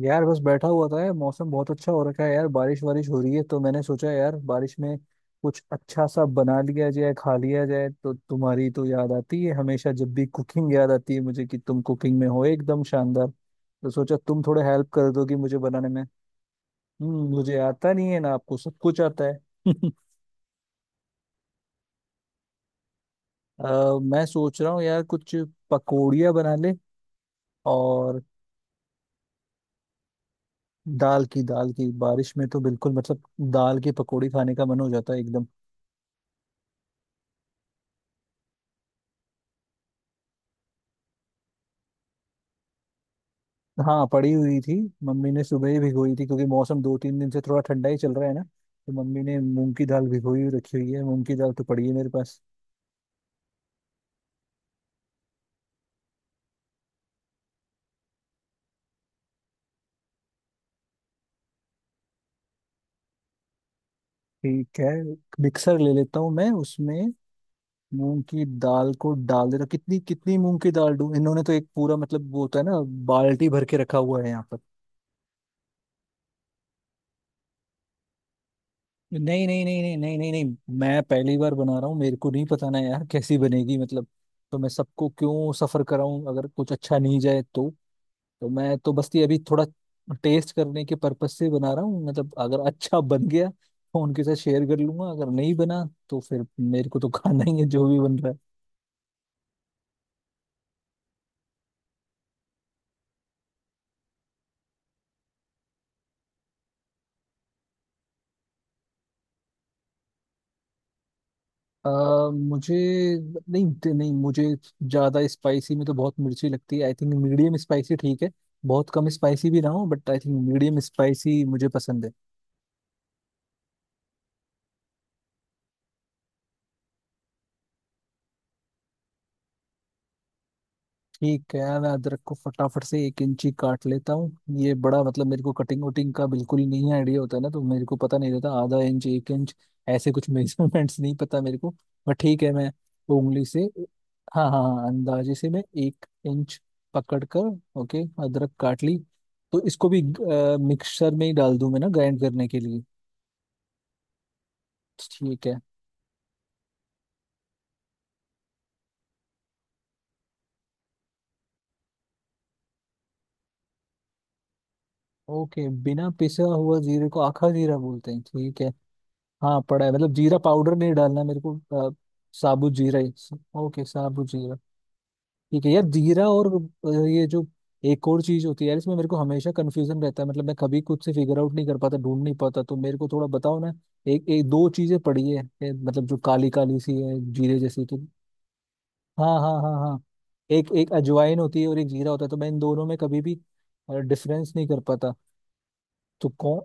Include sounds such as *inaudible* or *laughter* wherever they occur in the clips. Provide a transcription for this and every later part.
यार बस बैठा हुआ था यार। मौसम बहुत अच्छा हो रखा है यार, बारिश वारिश हो रही है तो मैंने सोचा यार बारिश में कुछ अच्छा सा बना लिया जाए, खा लिया जाए। तो तुम्हारी तो याद आती है हमेशा, जब भी कुकिंग याद आती है मुझे कि तुम कुकिंग में हो एकदम शानदार। तो सोचा तुम थोड़े हेल्प कर दोगी मुझे बनाने में। मुझे आता नहीं है ना, आपको सब कुछ आता है। *laughs* मैं सोच रहा हूँ यार कुछ पकौड़ियाँ बना ले। और दाल की बारिश में तो बिल्कुल मतलब दाल की पकौड़ी खाने का मन हो जाता है एकदम। हाँ, पड़ी हुई थी। मम्मी ने सुबह ही भिगोई थी क्योंकि मौसम 2-3 दिन से थोड़ा ठंडा ही चल रहा है ना। तो मम्मी ने मूंग की दाल भिगोई हुई रखी हुई है, मूंग की दाल तो पड़ी है मेरे पास। ठीक है, मिक्सर ले लेता हूँ मैं, उसमें मूंग की दाल को डाल देता हूँ। कितनी कितनी मूंग की दाल दूँ? इन्होंने तो एक पूरा मतलब वो होता है ना, बाल्टी भर के रखा हुआ है यहाँ पर। नहीं नहीं नहीं नहीं नहीं नहीं नहीं, मैं पहली बार बना रहा हूँ, मेरे को नहीं पता ना यार कैसी बनेगी, मतलब। तो मैं सबको क्यों सफर कराऊं अगर कुछ अच्छा नहीं जाए तो। तो मैं तो बस ये अभी थोड़ा टेस्ट करने के पर्पज से बना रहा हूँ, मतलब अगर अच्छा बन गया तो उनके साथ शेयर कर लूंगा, अगर नहीं बना तो फिर मेरे को तो खाना ही है, जो भी बन रहा है। मुझे... नहीं नहीं, मुझे ज्यादा स्पाइसी में तो बहुत मिर्ची लगती है, आई थिंक मीडियम स्पाइसी ठीक है। बहुत कम स्पाइसी भी ना हो, but I think medium spicy मुझे पसंद है। ठीक है, मैं अदरक को फटाफट से 1 इंची काट लेता हूँ। ये बड़ा मतलब, मेरे को कटिंग वटिंग का बिल्कुल नहीं आइडिया होता है ना, तो मेरे को पता नहीं रहता, आधा इंच, 1 इंच, ऐसे कुछ *laughs* मेजरमेंट्स नहीं पता मेरे को। बट ठीक है, मैं उंगली से... हाँ हाँ हाँ, अंदाजे से मैं 1 इंच पकड़ कर, ओके, अदरक काट ली। तो इसको भी मिक्सर में ही डाल दूँ मैं ना, ग्राइंड करने के लिए। ठीक है। ओके, बिना पिसा हुआ जीरे को आखा जीरा बोलते हैं, ठीक है। हाँ, पड़ा है, मतलब जीरा पाउडर नहीं डालना मेरे को। अ, साबुत जीरा ही। ओके, साबुत जीरा। ठीक है यार, जीरा और ये जो एक और चीज होती है यार, इसमें मेरे को हमेशा कंफ्यूजन रहता है, मतलब मैं कभी खुद से फिगर आउट नहीं कर पाता, ढूंढ नहीं पाता, तो मेरे को थोड़ा बताओ ना। एक एक दो चीजें पड़ी है, मतलब जो काली काली सी है जीरे जैसी, तो... हाँ हाँ हाँ हाँ, एक एक अजवाइन होती है और एक जीरा होता है, तो मैं इन दोनों में कभी भी डिफरेंस नहीं कर पाता। तो कौन...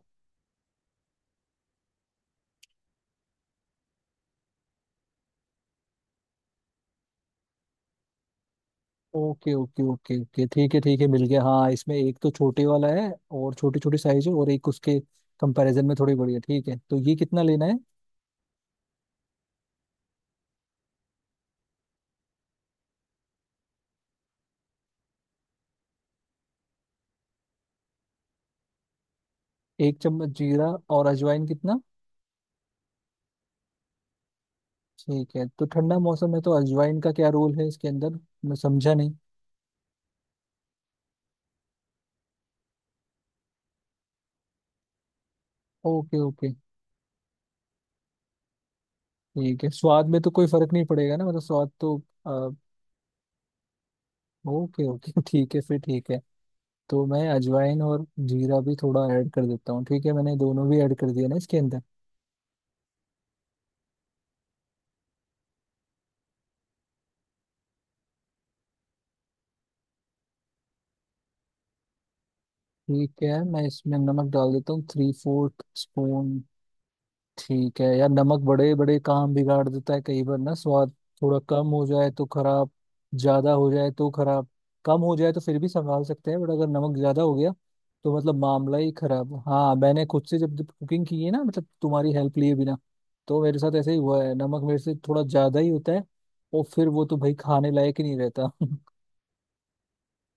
ओके ओके ओके ओके, ठीक है ठीक है, मिल गया। हाँ, इसमें एक तो छोटे वाला है और छोटी छोटी साइज है, और एक उसके कंपैरिजन में थोड़ी बड़ी है, ठीक है। तो ये कितना लेना है? 1 चम्मच जीरा, और अजवाइन कितना? ठीक है, तो ठंडा मौसम है तो अजवाइन का क्या रोल है इसके अंदर? मैं समझा नहीं। Okay okay. ठीक है, स्वाद में तो कोई फर्क नहीं पड़ेगा ना? मतलब स्वाद तो... आ, ओके ओके। *laughs* ठीक है फिर, ठीक है। तो मैं अजवाइन और जीरा भी थोड़ा ऐड कर देता हूँ। ठीक है, मैंने दोनों भी ऐड कर दिया ना इसके अंदर। ठीक है, मैं इसमें नमक डाल देता हूँ, 3/4 स्पून। ठीक है यार, नमक बड़े बड़े काम बिगाड़ देता है कई बार ना, स्वाद। थोड़ा कम हो जाए तो खराब, ज्यादा हो जाए तो खराब। कम हो जाए तो फिर भी संभाल सकते हैं, बट अगर नमक ज्यादा हो गया तो मतलब मामला ही खराब। हाँ, मैंने खुद से जब जब कुकिंग की है ना, मतलब तुम्हारी हेल्प लिए बिना, तो मेरे साथ ऐसे ही हुआ है, नमक मेरे से थोड़ा ज्यादा ही होता है। और फिर वो तो भाई खाने लायक ही नहीं रहता। *laughs*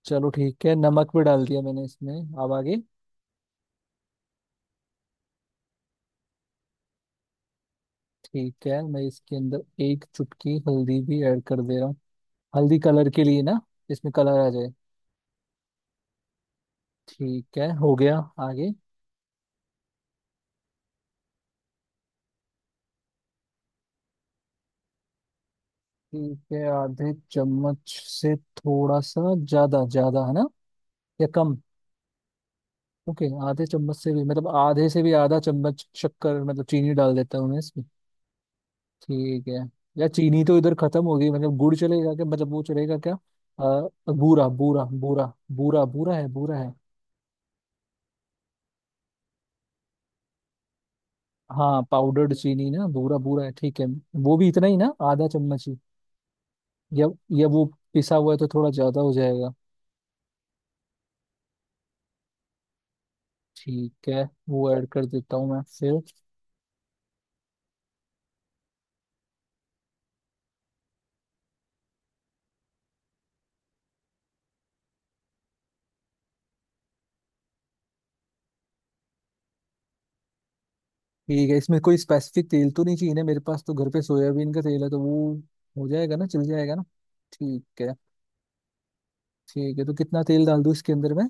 चलो ठीक है, नमक भी डाल दिया मैंने इसमें, अब आगे। ठीक है, मैं इसके अंदर एक चुटकी हल्दी भी ऐड कर दे रहा हूँ। हल्दी कलर के लिए ना, इसमें कलर आ जाए। ठीक है, हो गया। आगे। ठीक है, आधे चम्मच से थोड़ा सा ज्यादा, ज्यादा है ना या कम? ओके, आधे चम्मच से भी मतलब आधे से भी आधा चम्मच शक्कर मतलब चीनी डाल देता हूँ मैं इसमें। ठीक है। या चीनी तो इधर खत्म हो गई, मतलब गुड़ चलेगा क्या, मतलब वो चलेगा क्या? अ, बूरा बूरा बूरा बूरा, बूरा है, बूरा है। हाँ, पाउडर्ड चीनी ना, भूरा भूरा है, ठीक है। वो भी इतना ही ना, आधा चम्मच ही? या या वो पिसा हुआ है तो थोड़ा ज्यादा हो जाएगा। ठीक है, वो ऐड कर देता हूँ मैं फिर। ठीक है, इसमें कोई स्पेसिफिक तेल तो नहीं चाहिए ना? मेरे पास तो घर पे सोयाबीन का तेल है, तो वो हो जाएगा ना, चल जाएगा ना? ठीक है। ठीक है, तो कितना तेल डाल दूँ इसके अंदर में?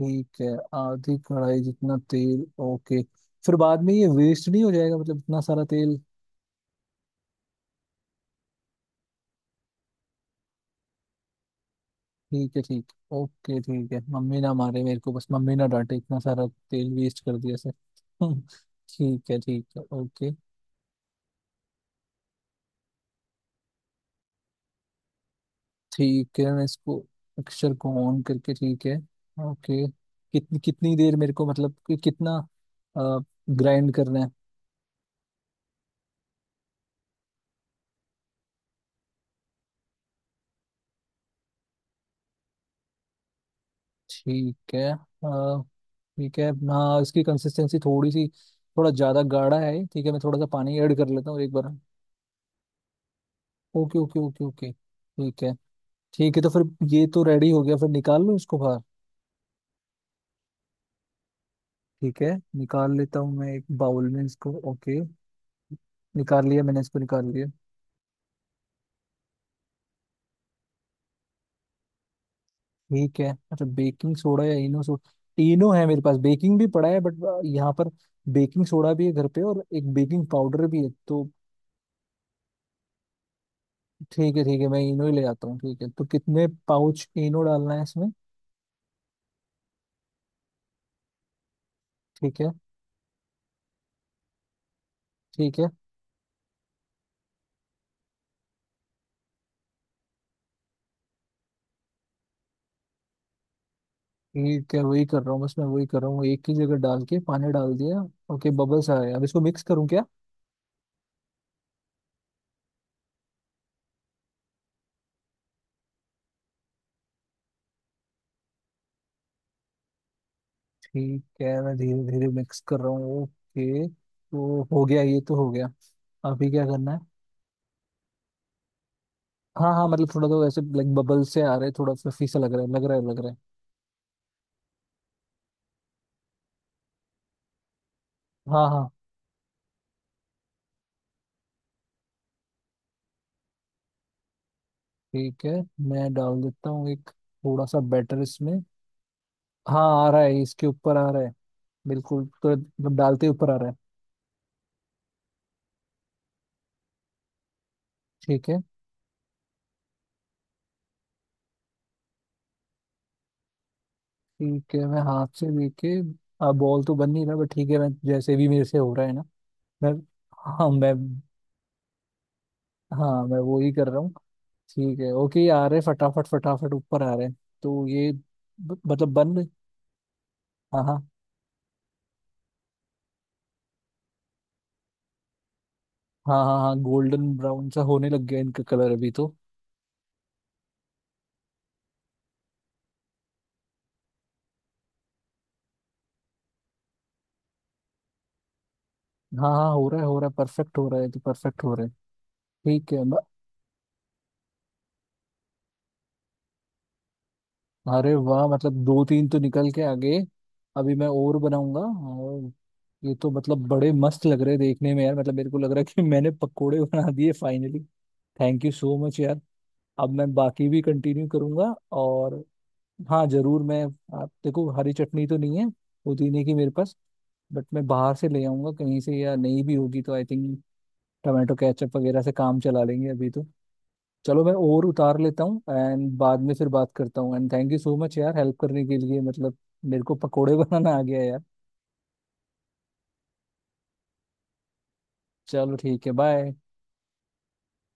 ठीक है, आधी कढ़ाई जितना तेल, ओके। फिर बाद में ये वेस्ट नहीं हो जाएगा, मतलब इतना सारा तेल? ठीक है, ठीक, ओके, ठीक है। मम्मी ना मारे मेरे को, बस मम्मी ना डांटे इतना सारा तेल वेस्ट कर दिया से। *laughs* ठीक है ओके। ठीक है, मैं इसको अक्षर को ऑन करके, ठीक है, ओके। कितनी कितनी देर मेरे को मतलब, कि कितना ग्राइंड करना है? ठीक है। ठीक है, हाँ, इसकी कंसिस्टेंसी थोड़ी सी, थोड़ा ज़्यादा गाढ़ा है ये, ठीक है, मैं थोड़ा सा पानी ऐड कर लेता हूँ एक बार। Okay okay okay okay. ठीक है। ठीक है तो फिर ये तो रेडी हो गया, फिर निकाल लो इसको बाहर। ठीक है, निकाल लेता हूँ मैं एक बाउल में इसको, ओके। निकाल लिया मैंने इसको, निकाल लिया। ठीक है, अच्छा, बेकिंग सोडा या इनो सोडा, तीनों है मेरे पास। बेकिंग भी पड़ा है बट यहाँ पर, बेकिंग सोडा भी है घर पे, और एक बेकिंग पाउडर भी है, तो ठीक है। ठीक है, मैं इनो ही ले आता हूँ। ठीक है, तो कितने पाउच इनो डालना है इसमें? ठीक है। ठीक है, ठीक है वही कर रहा हूँ बस, मैं वही कर रहा हूँ, एक ही जगह डाल के पानी डाल दिया। ओके, बबल्स आ गए, अब इसको मिक्स करूँ क्या? ठीक है, मैं धीरे धीरे मिक्स कर रहा हूँ, ओके। तो हो गया, ये तो हो गया। अभी क्या करना है? हाँ हाँ, मतलब थोड़ा तो वैसे लाइक बबल से आ रहे हैं, थोड़ा फ्लफी सा लग रहा है, लग रहा है, लग रहा है। हाँ हाँ, ठीक है, मैं डाल देता हूँ एक थोड़ा सा बैटर इसमें। हाँ, आ रहा है, इसके ऊपर आ रहा है बिल्कुल, तो मतलब डालते ही ऊपर आ रहा है। ठीक है। ठीक है, मैं हाथ से लेके बॉल तो बन नहीं रहा, बट ठीक है, मैं जैसे भी मेरे से हो रहा है ना। मैं... हाँ। मैं... हाँ, मैं वो ही कर रहा हूँ। ठीक है। ओके, ये आ रहे फटाफट फटाफट ऊपर आ रहे हैं, तो ये मतलब बन रहे। हाँ हाँ हाँ हाँ हाँ, गोल्डन ब्राउन सा होने लग गया इनका कलर अभी तो। हाँ हाँ, हो रहा है हो रहा है, परफेक्ट हो रहा है, तो परफेक्ट हो रहा है। ठीक है। अरे वाह, मतलब दो तीन तो निकल के आगे, अभी मैं और बनाऊंगा। और ये तो मतलब बड़े मस्त लग रहे हैं देखने में यार, मतलब मेरे को लग रहा है कि *laughs* मैंने पकोड़े बना दिए finally. Thank you so much यार। अब मैं बाकी भी कंटिन्यू करूंगा, और... हाँ, जरूर। मैं... आप देखो, हरी चटनी तो नहीं है पुदीने की मेरे पास, बट मैं बाहर से ले आऊंगा कहीं से, या नहीं भी होगी तो आई थिंक टमाटो केचप वगैरह से काम चला लेंगे अभी तो। चलो, मैं और उतार लेता हूँ, एंड बाद में फिर बात करता हूँ। And thank you so much यार, हेल्प करने के लिए, मतलब मेरे को पकोड़े *laughs* बनाना आ गया यार। चलो ठीक है, बाय।